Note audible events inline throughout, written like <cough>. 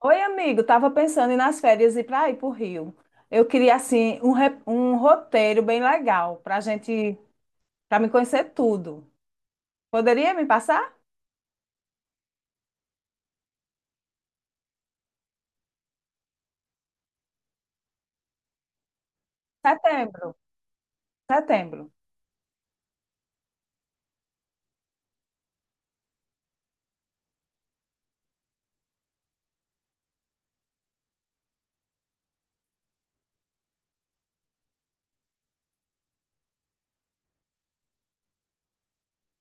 Oi, amigo, tava pensando nas férias ir para o Rio. Eu queria assim um roteiro bem legal para gente, para me conhecer tudo. Poderia me passar? Setembro, setembro.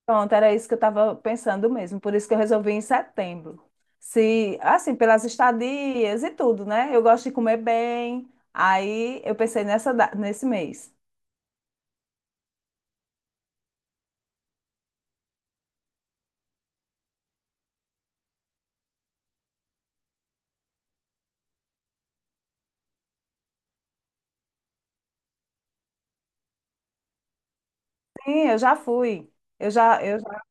Pronto, era isso que eu estava pensando mesmo. Por isso que eu resolvi em setembro. Se assim pelas estadias e tudo, né? Eu gosto de comer bem. Aí eu pensei nesse mês. Sim, eu já fui. Eu já...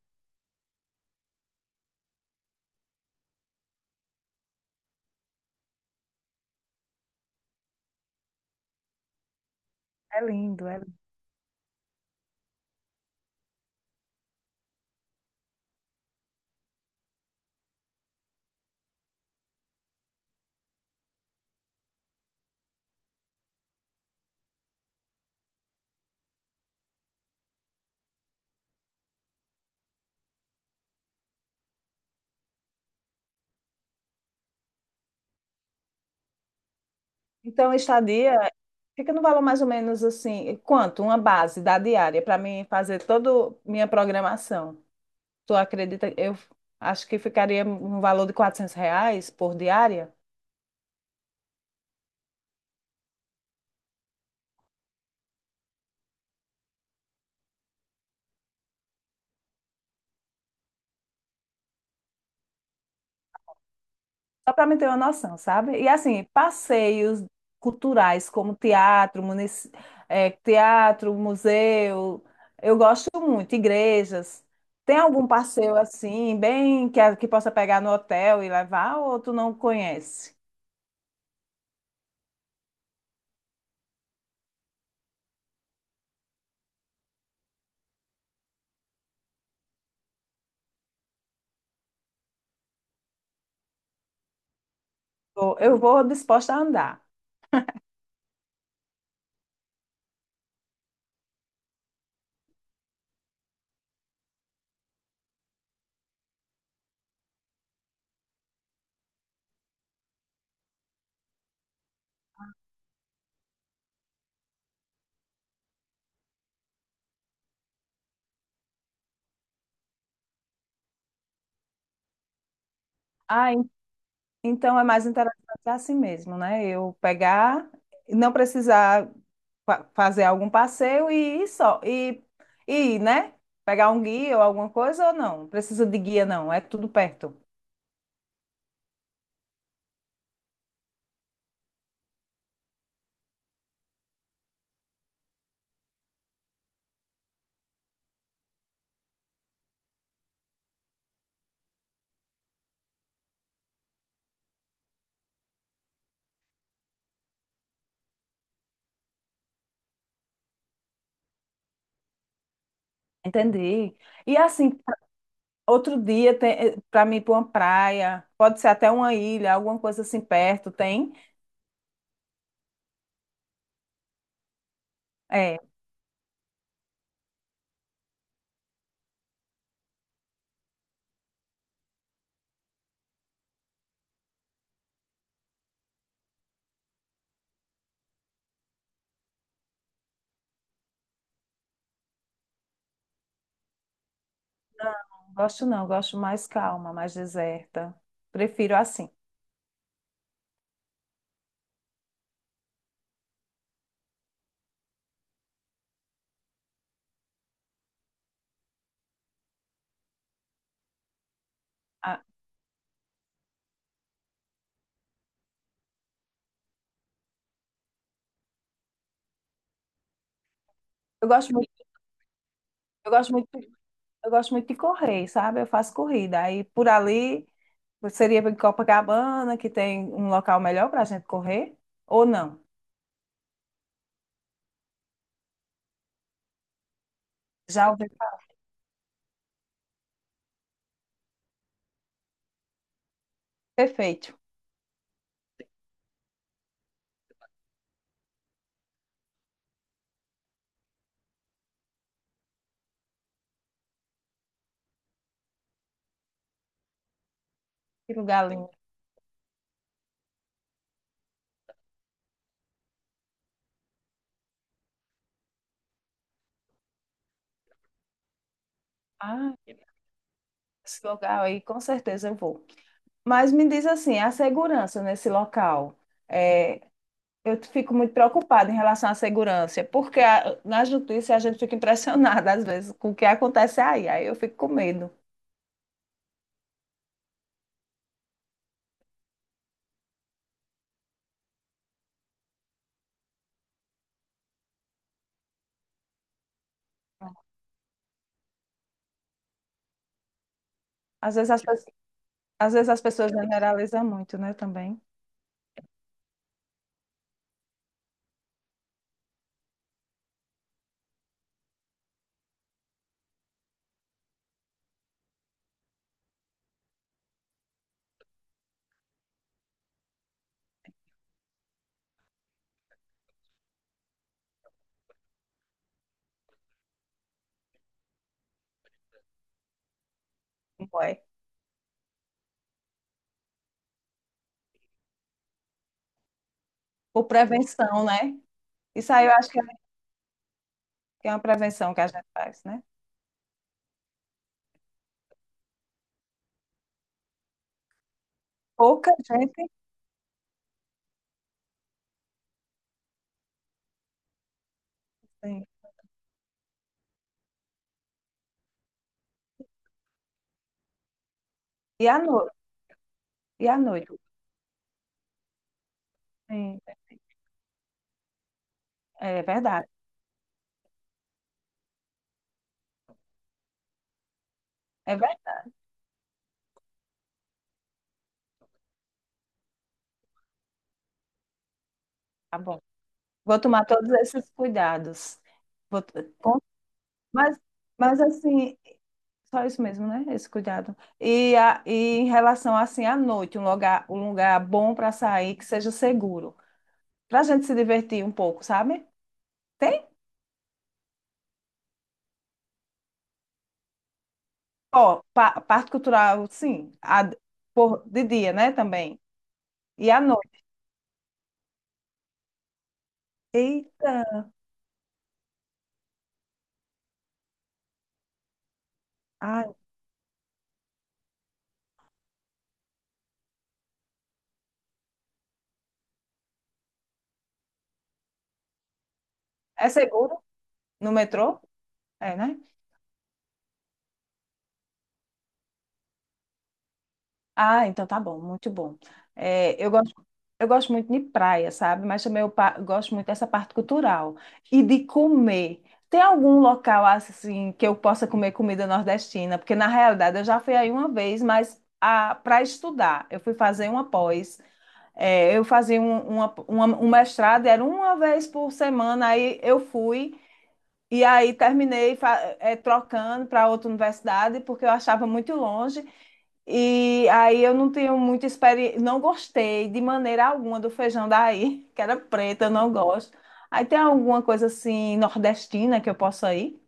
É lindo, é lindo. Então, estadia. Fica no valor mais ou menos assim, quanto? Uma base da diária para mim fazer toda minha programação. Tu acredita? Eu acho que ficaria um valor de R$ 400 por diária, só para me ter uma noção, sabe? E assim, passeios culturais como teatro, museu, eu gosto muito, igrejas. Tem algum passeio assim, bem que, que possa pegar no hotel e levar, ou tu não conhece? Eu vou disposta a andar. Então é mais interessante assim mesmo, né? Eu pegar, não precisar fazer algum passeio e ir só, e ir, né? Pegar um guia ou alguma coisa ou não? Não precisa de guia, não, é tudo perto. Entendi. E assim, outro dia tem para mim ir para uma praia, pode ser até uma ilha, alguma coisa assim perto, tem? É, não gosto não, gosto mais calma, mais deserta. Prefiro assim. Ah, eu gosto muito, eu gosto muito. Eu gosto muito de correr, sabe? Eu faço corrida. Aí por ali seria em Copacabana, que tem um local melhor para a gente correr, ou não? Já ouvi falar perfeito. Que lugar lindo. Ah, esse local aí com certeza eu vou. Mas me diz assim, a segurança nesse local. É, eu fico muito preocupada em relação à segurança, porque na justiça a gente fica impressionada às vezes com o que acontece aí. Aí eu fico com medo. Às vezes as, pe- às vezes as pessoas generalizam muito, né, também. Como é? Por prevenção, né? Isso aí eu acho que é uma prevenção que a gente faz, né? Pouca gente tem. E à noite? E à noite? Sim. É verdade. É verdade. Tá bom. Vou tomar todos esses cuidados. Vou t- com- Mas, mas assim, só isso mesmo, né? Esse cuidado. E, e em relação assim à noite, um lugar bom para sair que seja seguro, para a gente se divertir um pouco, sabe? Tem, parte cultural, sim, de dia, né? Também. E à noite. Eita, ai, é seguro no metrô? É, né? Ah, então tá bom, muito bom. É, eu gosto muito de praia, sabe? Mas também gosto muito dessa parte cultural e de comer. Tem algum local assim que eu possa comer comida nordestina? Porque na realidade eu já fui aí uma vez, mas para estudar, eu fui fazer uma pós. É, eu fazia um mestrado, era uma vez por semana, aí eu fui. E aí trocando para outra universidade, porque eu achava muito longe. E aí eu não tenho muita experiência, não gostei de maneira alguma do feijão daí, <laughs> que era preto, eu não gosto. Aí tem alguma coisa assim nordestina que eu possa ir?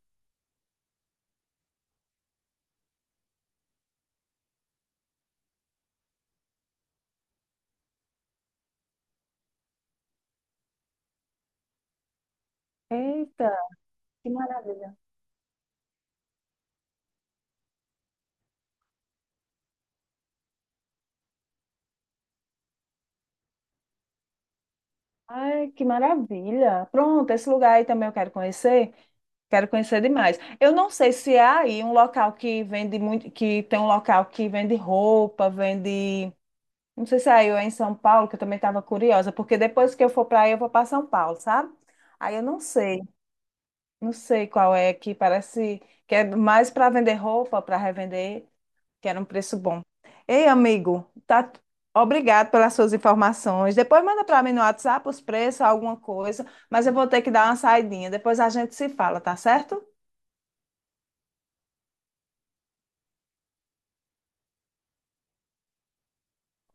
Eita, que maravilha. Ai, que maravilha. Pronto, esse lugar aí também eu quero conhecer. Quero conhecer demais. Eu não sei se há aí um local que vende muito, que tem um local que vende roupa, vende. Não sei se é aí ou é em São Paulo, que eu também estava curiosa, porque depois que eu for para aí, eu vou para São Paulo, sabe? Aí eu não sei. Não sei qual é, que parece que é mais para vender roupa, para revender, que era um preço bom. Ei, amigo, tá... Obrigado pelas suas informações. Depois manda para mim no WhatsApp os preços, alguma coisa, mas eu vou ter que dar uma saidinha. Depois a gente se fala, tá certo?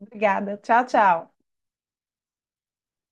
Obrigada. Tchau, tchau.